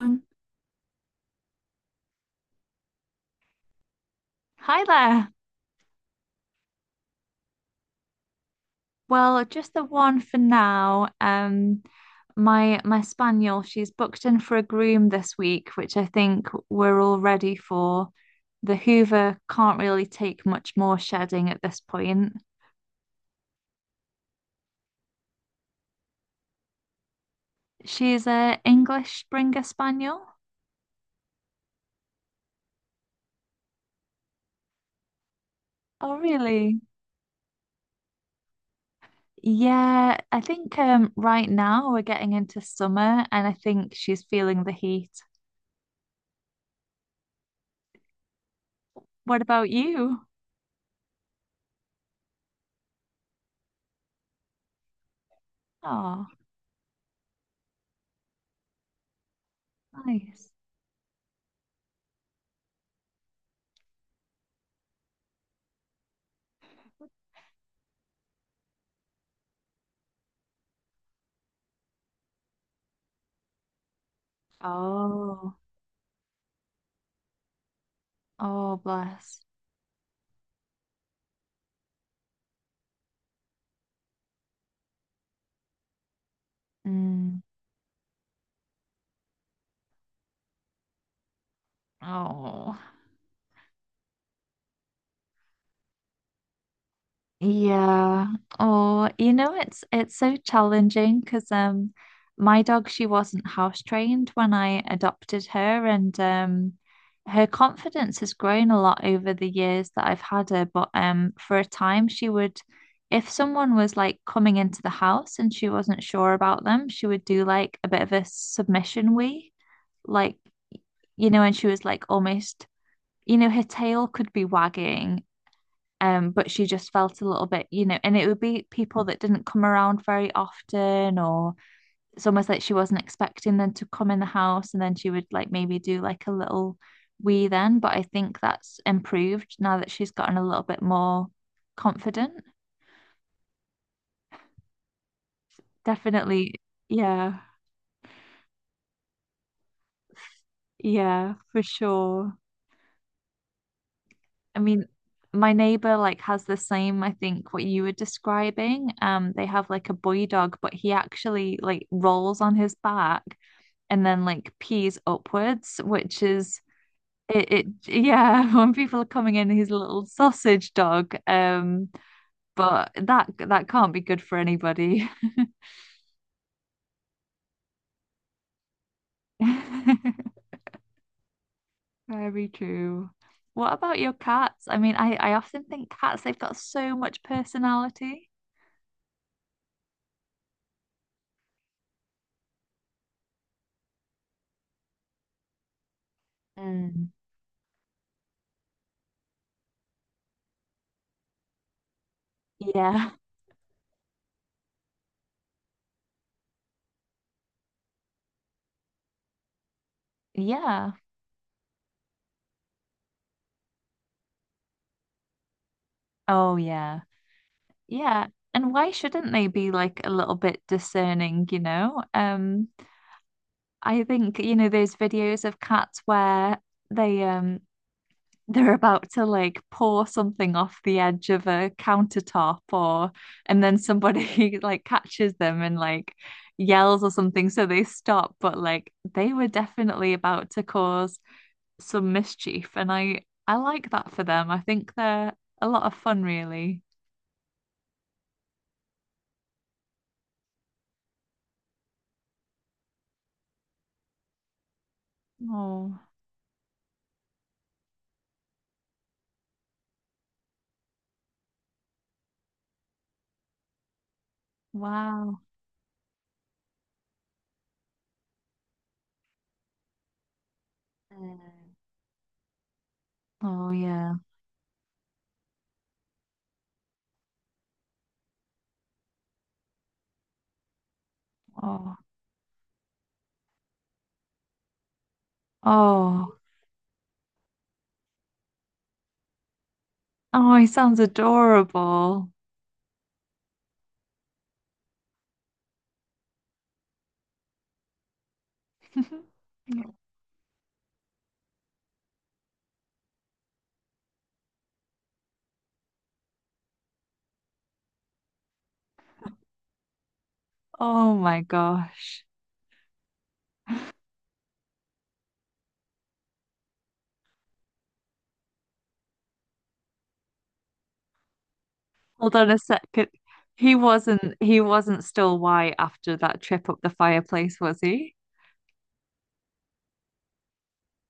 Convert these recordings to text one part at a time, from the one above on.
Um, Hi there. Well, just the one for now. My spaniel, she's booked in for a groom this week, which I think we're all ready for. The Hoover can't really take much more shedding at this point. She's a English Springer Spaniel. Oh, really? Yeah, I think, right now we're getting into summer, and I think she's feeling the heat. What about you? Oh, nice. Oh. Oh, bless. Mm. Oh, yeah. Oh, it's so challenging because my dog she wasn't house trained when I adopted her, and her confidence has grown a lot over the years that I've had her. But for a time, she would, if someone was like coming into the house and she wasn't sure about them, she would do like a bit of a submission wee, like and she was like almost her tail could be wagging, but she just felt a little bit, and it would be people that didn't come around very often, or it's almost like she wasn't expecting them to come in the house, and then she would like maybe do like a little wee then. But I think that's improved now that she's gotten a little bit more confident. Definitely, yeah, yeah, for sure. I mean, my neighbor like has the same, I think, what you were describing. They have like a boy dog, but he actually like rolls on his back and then like pees upwards, which is it yeah, when people are coming in, he's a little sausage dog. But that can't be good for anybody. Very true. What about your cats? I mean, I often think cats, they've got so much personality. Mm. Yeah. Yeah. Oh yeah. Yeah. And why shouldn't they be like a little bit discerning, you know? I think, those videos of cats where they they're about to like pour something off the edge of a countertop or and then somebody like catches them and like yells or something so they stop, but like they were definitely about to cause some mischief and I like that for them. I think they're a lot of fun really. Oh. Wow. Mm. Oh, yeah. Oh, oh, oh, he sounds adorable. Oh my gosh. Hold on a second. He wasn't still white after that trip up the fireplace, was he?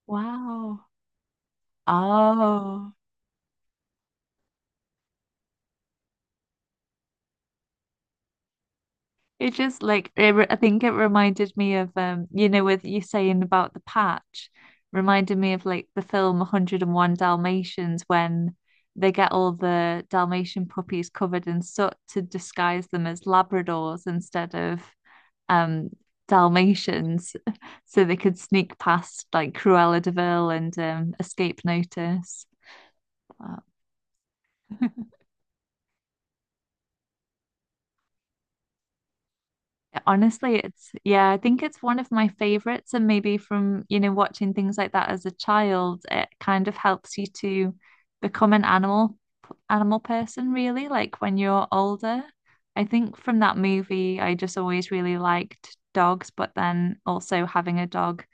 Wow. Oh. It just like it, re- I think it reminded me of with you saying about the patch reminded me of like the film 101 Dalmatians when they get all the Dalmatian puppies covered in soot to disguise them as Labradors instead of um Dalmatians so they could sneak past like Cruella de Vil and escape notice. Wow. Honestly, it's yeah, I think it's one of my favorites, and maybe from watching things like that as a child, it kind of helps you to become an animal person, really, like when you're older. I think from that movie, I just always really liked dogs, but then also having a dog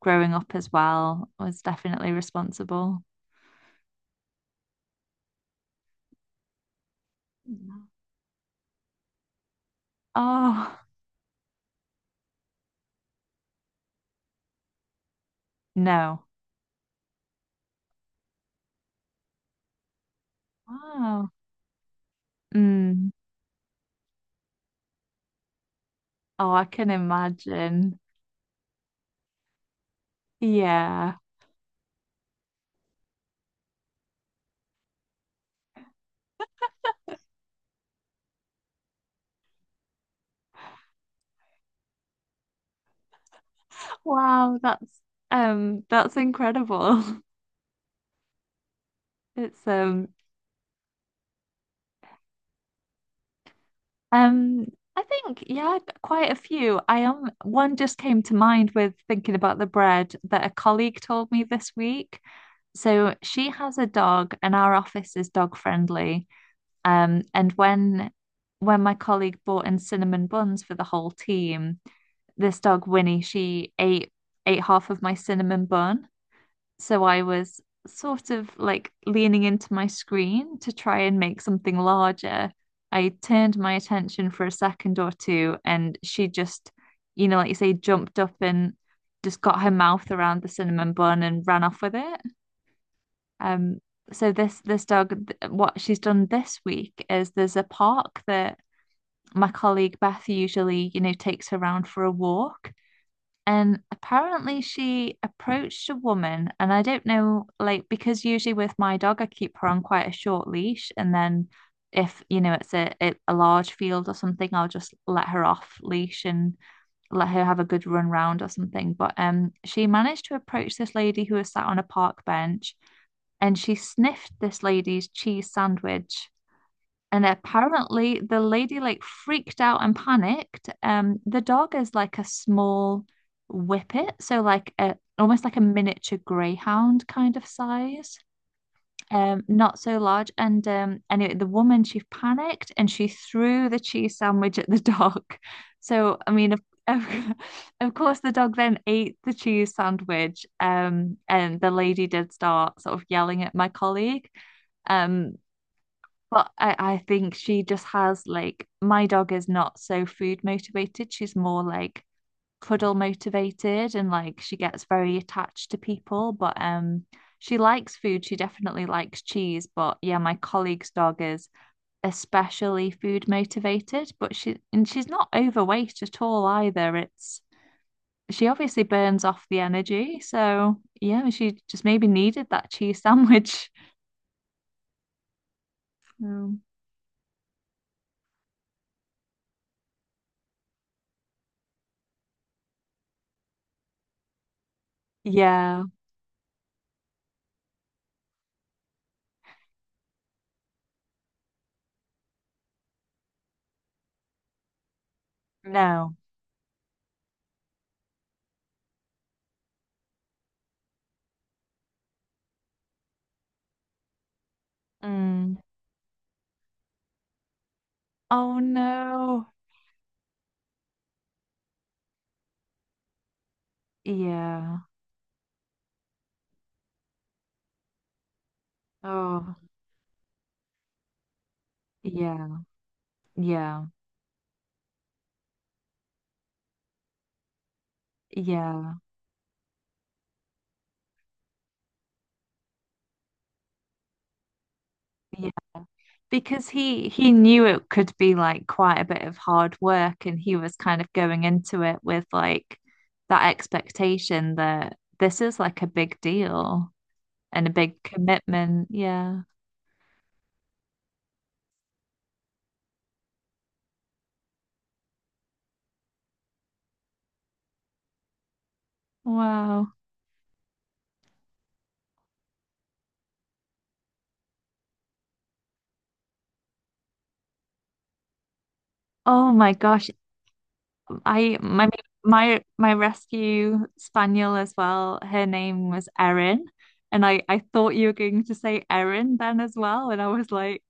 growing up as well was definitely responsible. No. Oh, no. Wow. Mm. Oh, I can imagine. Yeah. Wow, that's incredible. It's um I think yeah, quite a few. I am one just came to mind with thinking about the bread that a colleague told me this week. So she has a dog and our office is dog friendly. And when my colleague bought in cinnamon buns for the whole team, this dog Winnie, she ate half of my cinnamon bun. So I was sort of like leaning into my screen to try and make something larger. I turned my attention for a second or two, and she just, like you say, jumped up and just got her mouth around the cinnamon bun and ran off with it. Um, so this dog, what she's done this week is there's a park that my colleague Beth usually, takes her around for a walk. And apparently she approached a woman, and I don't know, like, because usually with my dog, I keep her on quite a short leash, and then if, it's a large field or something, I'll just let her off leash and let her have a good run round or something. But she managed to approach this lady who was sat on a park bench, and she sniffed this lady's cheese sandwich. And apparently the lady like freaked out and panicked. The dog is like a small whippet, so like a almost like a miniature greyhound kind of size. Not so large. And anyway, the woman she panicked and she threw the cheese sandwich at the dog. So I mean, of, of course, the dog then ate the cheese sandwich. And the lady did start sort of yelling at my colleague. Um, but I think she just has like my dog is not so food motivated. She's more like cuddle motivated and like she gets very attached to people. But she likes food. She definitely likes cheese. But yeah, my colleague's dog is especially food motivated, but she and she's not overweight at all either. It's She obviously burns off the energy. So yeah, she just maybe needed that cheese sandwich. Um, yeah, no. Mm. Oh no. Yeah. Oh, yeah. Yeah. Yeah. Yeah. Because he knew it could be like quite a bit of hard work and he was kind of going into it with like that expectation that this is like a big deal and a big commitment. Yeah. Wow. Oh my gosh. I my my my rescue spaniel as well. Her name was Erin, and I thought you were going to say Erin then as well, and I was like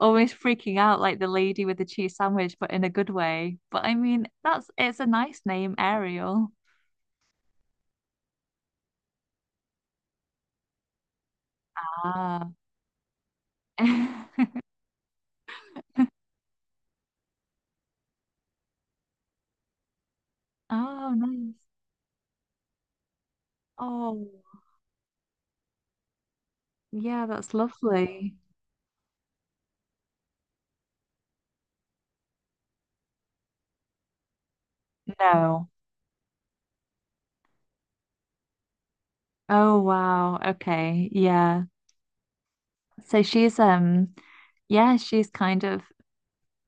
almost freaking out like the lady with the cheese sandwich, but in a good way. But I mean, that's it's a nice name, Ariel. Ah. Oh, nice. Oh, yeah, that's lovely. No. Oh, wow. Okay. Yeah. So she's yeah, she's kind of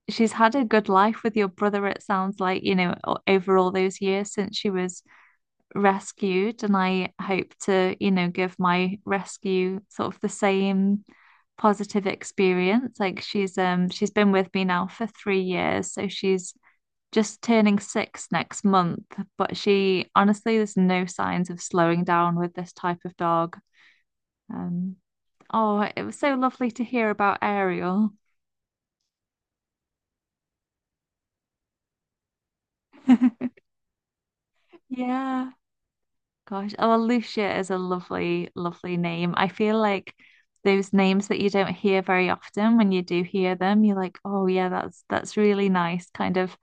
she's had a good life with your brother, it sounds like, over all those years since she was rescued. And I hope to, give my rescue sort of the same positive experience. Like she's been with me now for 3 years, so she's just turning 6 next month. But she honestly, there's no signs of slowing down with this type of dog. Um, oh, it was so lovely to hear about Ariel. Yeah. Gosh, oh, Lucia is a lovely, lovely name. I feel like those names that you don't hear very often, when you do hear them, you're like, oh yeah, that's really nice. Kind of,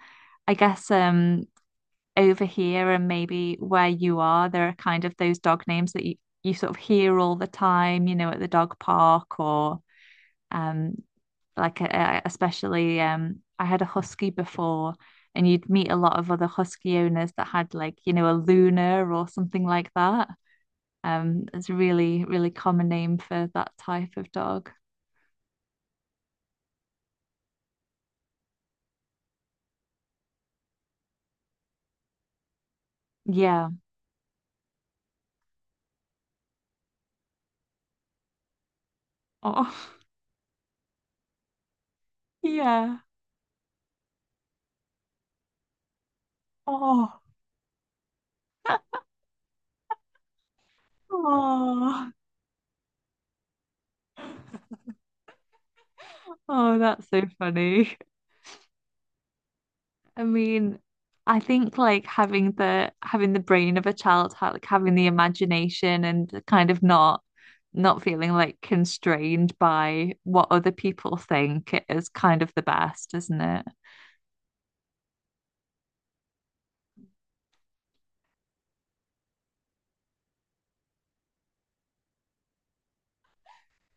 I guess, over here and maybe where you are, there are kind of those dog names that you sort of hear all the time, at the dog park or um, like especially I had a husky before. And you'd meet a lot of other husky owners that had like, a Luna or something like that. It's a really, really common name for that type of dog. Yeah. Oh, yeah. Oh, oh, oh, that's so funny. I mean, I think like having the brain of a child, like having the imagination and kind of not feeling like constrained by what other people think is kind of the best, isn't it?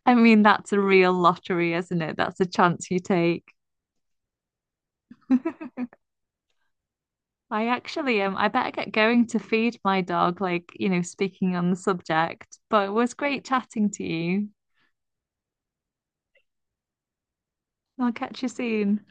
I mean, that's a real lottery, isn't it? That's a chance you take. I better get going to feed my dog, like, speaking on the subject. But it was great chatting to you. I'll catch you soon.